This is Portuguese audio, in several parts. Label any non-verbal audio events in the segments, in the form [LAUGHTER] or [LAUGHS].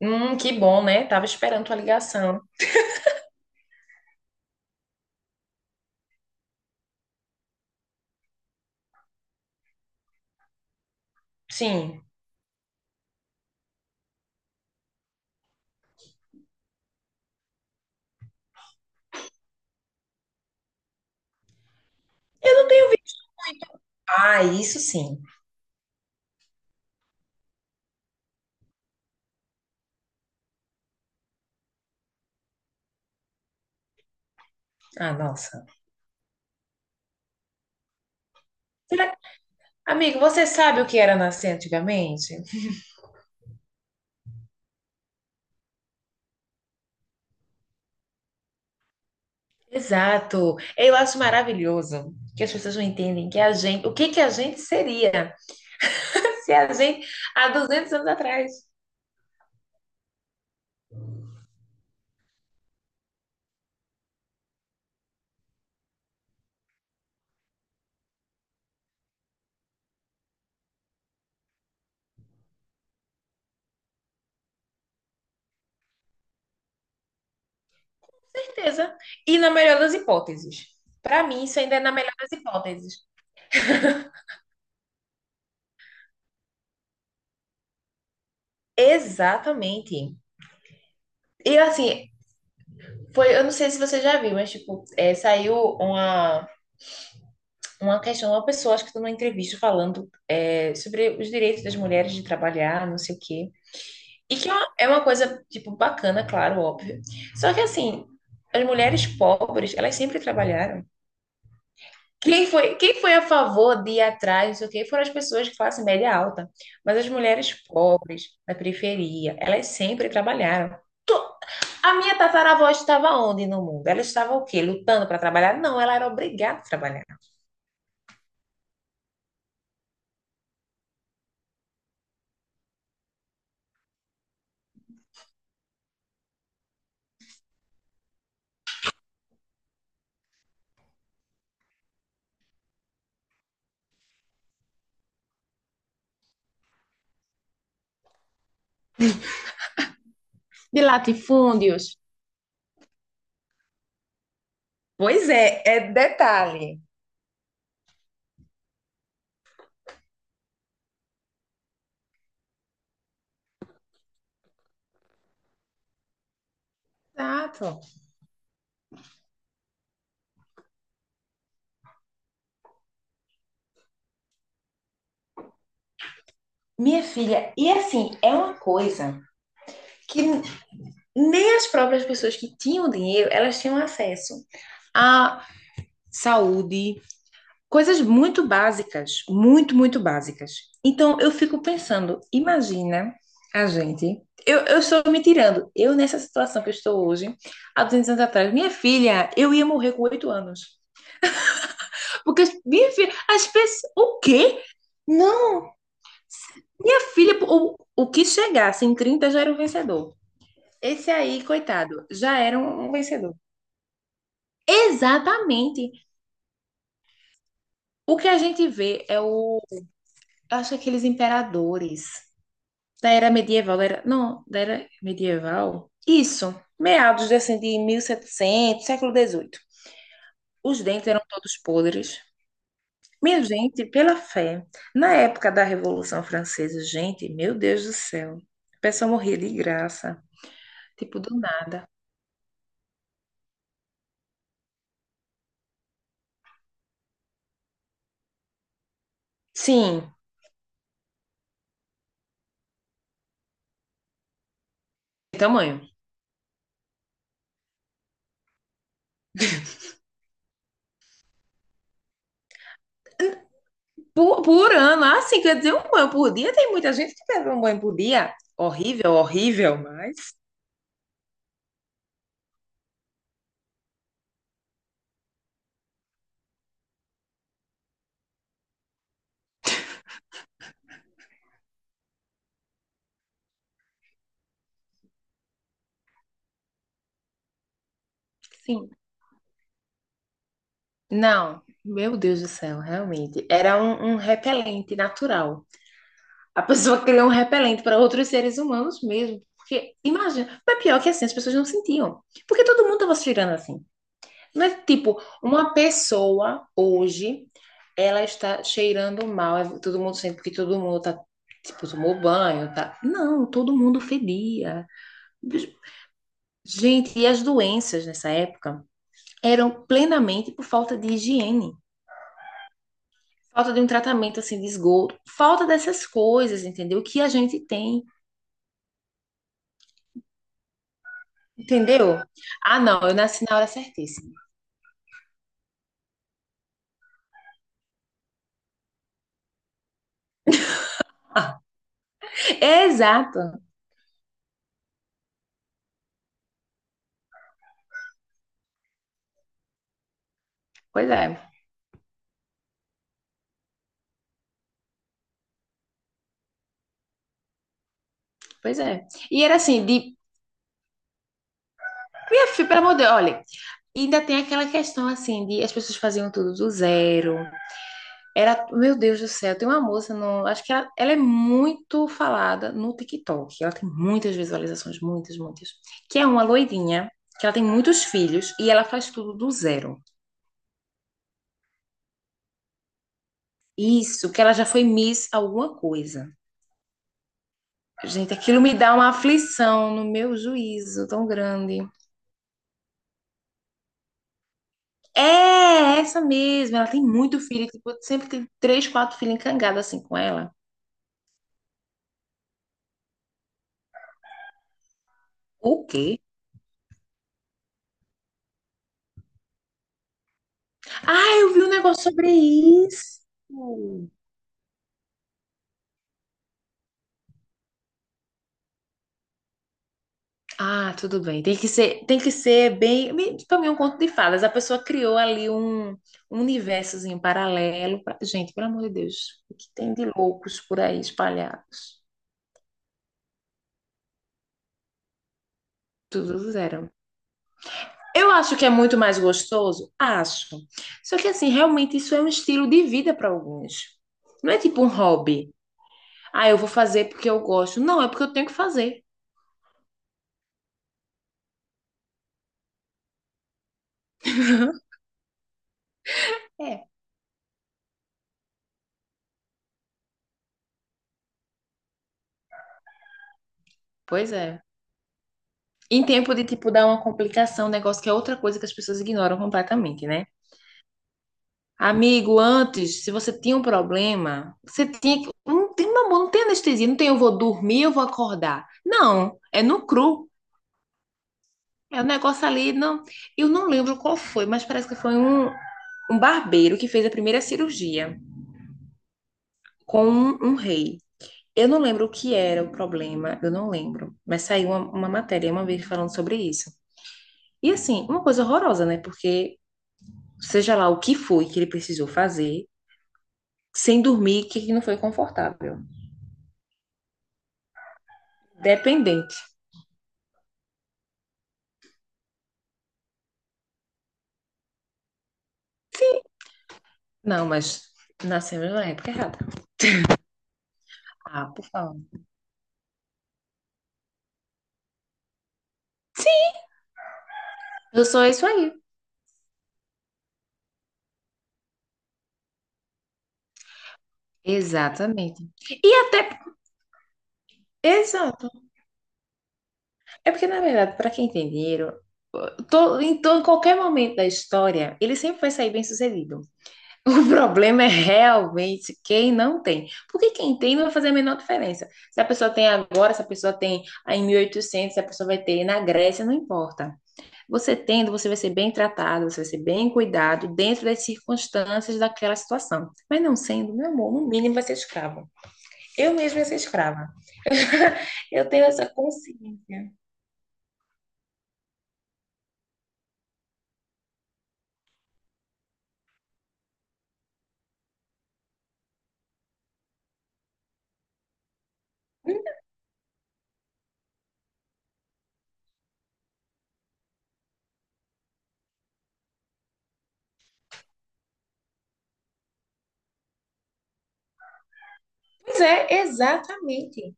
Que bom, né? Tava esperando tua ligação. Sim. Eu não tenho vi. Ah, isso sim. Ah, nossa. Será... Amigo, você sabe o que era nascer antigamente? Exato. Eu acho maravilhoso que as pessoas não entendem que a gente, o que que a gente seria [LAUGHS] se a gente há 200 anos atrás. Certeza. E na melhor das hipóteses. Para mim, isso ainda é na melhor das hipóteses. Exatamente. E assim, foi, eu não sei se você já viu, mas tipo, saiu uma questão, uma pessoa, acho que estou numa entrevista falando sobre os direitos das mulheres de trabalhar, não sei o quê. E que é uma coisa, tipo, bacana, claro, óbvio. Só que, assim, as mulheres pobres, elas sempre trabalharam. Quem foi a favor de ir atrás, não sei o quê, foram as pessoas de classe média alta. Mas as mulheres pobres, da periferia, elas sempre trabalharam. A minha tataravó estava onde no mundo? Ela estava o quê? Lutando para trabalhar? Não, ela era obrigada a trabalhar. De latifúndios. Pois é, é detalhe. Exato. Minha filha, e assim, é uma coisa que nem as próprias pessoas que tinham dinheiro, elas tinham acesso à saúde, coisas muito básicas, muito, muito básicas. Então, eu fico pensando, imagina a gente, eu estou me tirando, eu nessa situação que eu estou hoje, há 200 anos atrás, minha filha, eu ia morrer com 8 anos. Porque, minha filha, as pessoas, o quê? Não, minha filha, o que chegasse em 30 já era um vencedor. Esse aí, coitado, já era um vencedor. Exatamente. O que a gente vê é o. Eu acho que aqueles imperadores da era medieval, da era, não, da era medieval. Isso, meados de, assim, de 1700, século XVIII. Os dentes eram todos podres. Minha gente, pela fé, na época da Revolução Francesa, gente, meu Deus do céu, a pessoa morria de graça, tipo do nada. Sim, tamanho. Por ano, assim, quer dizer, um banho por dia, tem muita gente que bebe um banho por dia. Horrível, horrível, mas sim. Não, meu Deus do céu, realmente. Era um repelente natural. A pessoa [LAUGHS] criou um repelente para outros seres humanos mesmo. Porque, imagina, mas pior que assim, as pessoas não sentiam. Porque todo mundo estava se cheirando assim. Mas, tipo, uma pessoa hoje, ela está cheirando mal. Todo mundo sente porque todo mundo tá, tipo, tomou banho, tá? Não, todo mundo fedia. Gente, e as doenças nessa época eram plenamente por falta de higiene, falta de um tratamento assim de esgoto, falta dessas coisas, entendeu? Que a gente tem, entendeu? Ah, não, eu nasci na hora certíssima. [LAUGHS] Exato. Pois é, pois é. E era assim, de, minha filha, pelo amor de Deus, olha, e ainda tem aquela questão assim de as pessoas faziam tudo do zero. Era, meu Deus do céu, tem uma moça no, acho que ela é muito falada no TikTok. Ela tem muitas visualizações, muitas, muitas. Que é uma loirinha, que ela tem muitos filhos e ela faz tudo do zero. Isso, que ela já foi Miss alguma coisa. Gente, aquilo me dá uma aflição no meu juízo tão grande. É essa mesmo, ela tem muito filho, tipo, sempre tem três, quatro filhos encangados assim com ela. O quê? Ah, eu vi um negócio sobre isso. Ah, tudo bem. Tem que ser bem. Para mim, é um conto de fadas. A pessoa criou ali um universozinho paralelo. Gente, pelo amor de Deus, o que tem de loucos por aí espalhados? Tudo do zero. Eu acho que é muito mais gostoso? Acho. Só que, assim, realmente isso é um estilo de vida para alguns. Não é tipo um hobby. Ah, eu vou fazer porque eu gosto. Não, é porque eu tenho que fazer. É, pois é. Em tempo de, tipo, dar uma complicação, um negócio que é outra coisa que as pessoas ignoram completamente, né? Amigo, antes, se você tinha um problema, você tinha que. Não tem, meu amor, não tem anestesia, não tem eu vou dormir, eu vou acordar. Não, é no cru. É um negócio ali, não. Eu não lembro qual foi, mas parece que foi um barbeiro que fez a primeira cirurgia com um rei. Eu não lembro o que era o problema, eu não lembro. Mas saiu uma matéria uma vez falando sobre isso. E assim, uma coisa horrorosa, né? Porque seja lá o que foi que ele precisou fazer, sem dormir, que não foi confortável. Dependente. Não, mas nascemos na época errada. Ah, por favor. Sim, eu sou isso aí. Exatamente. E até. Exato. É porque, na verdade, para quem tem dinheiro, em qualquer momento da história, ele sempre vai sair bem sucedido. [LAUGHS] O problema é realmente quem não tem. Porque quem tem não vai fazer a menor diferença. Se a pessoa tem agora, se a pessoa tem em 1800, se a pessoa vai ter na Grécia, não importa. Você tendo, você vai ser bem tratado, você vai ser bem cuidado dentro das circunstâncias daquela situação. Mas não sendo, meu amor, no mínimo vai ser escravo. Eu mesma ia ser escrava. Eu tenho essa consciência. Pois é, exatamente.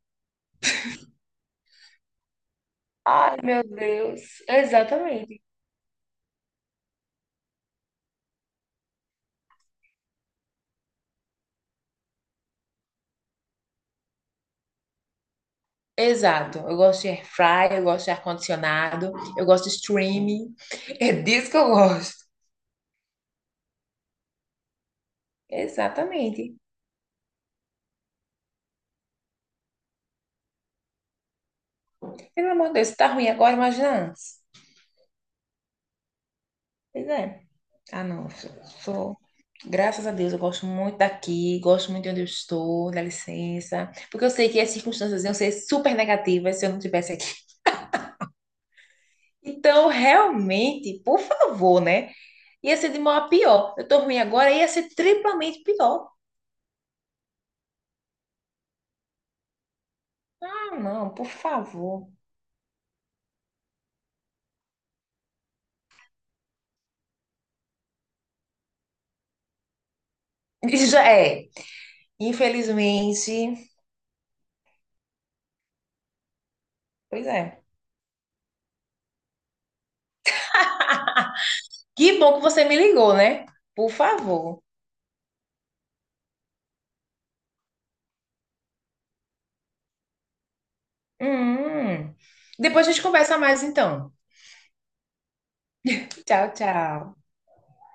Ai, meu Deus. Exatamente. Exato. Eu gosto de air fry, eu gosto de ar-condicionado, eu gosto de streaming. É disso que eu gosto. Exatamente. Pelo amor de Deus, se tá ruim agora, imagina antes. Pois é. Ah, não. Sou, sou graças a Deus, eu gosto muito daqui, gosto muito de onde eu estou, dá licença. Porque eu sei que as circunstâncias iam ser super negativas se eu não estivesse aqui. Então, realmente, por favor, né? Ia ser de mal a pior. Eu tô ruim agora, ia ser triplamente pior. Ah, não, por favor. [LAUGHS] E já é. Infelizmente. Pois é. Que bom que você me ligou, né? Por favor. Hum. Depois a gente conversa mais, então. Tchau, tchau.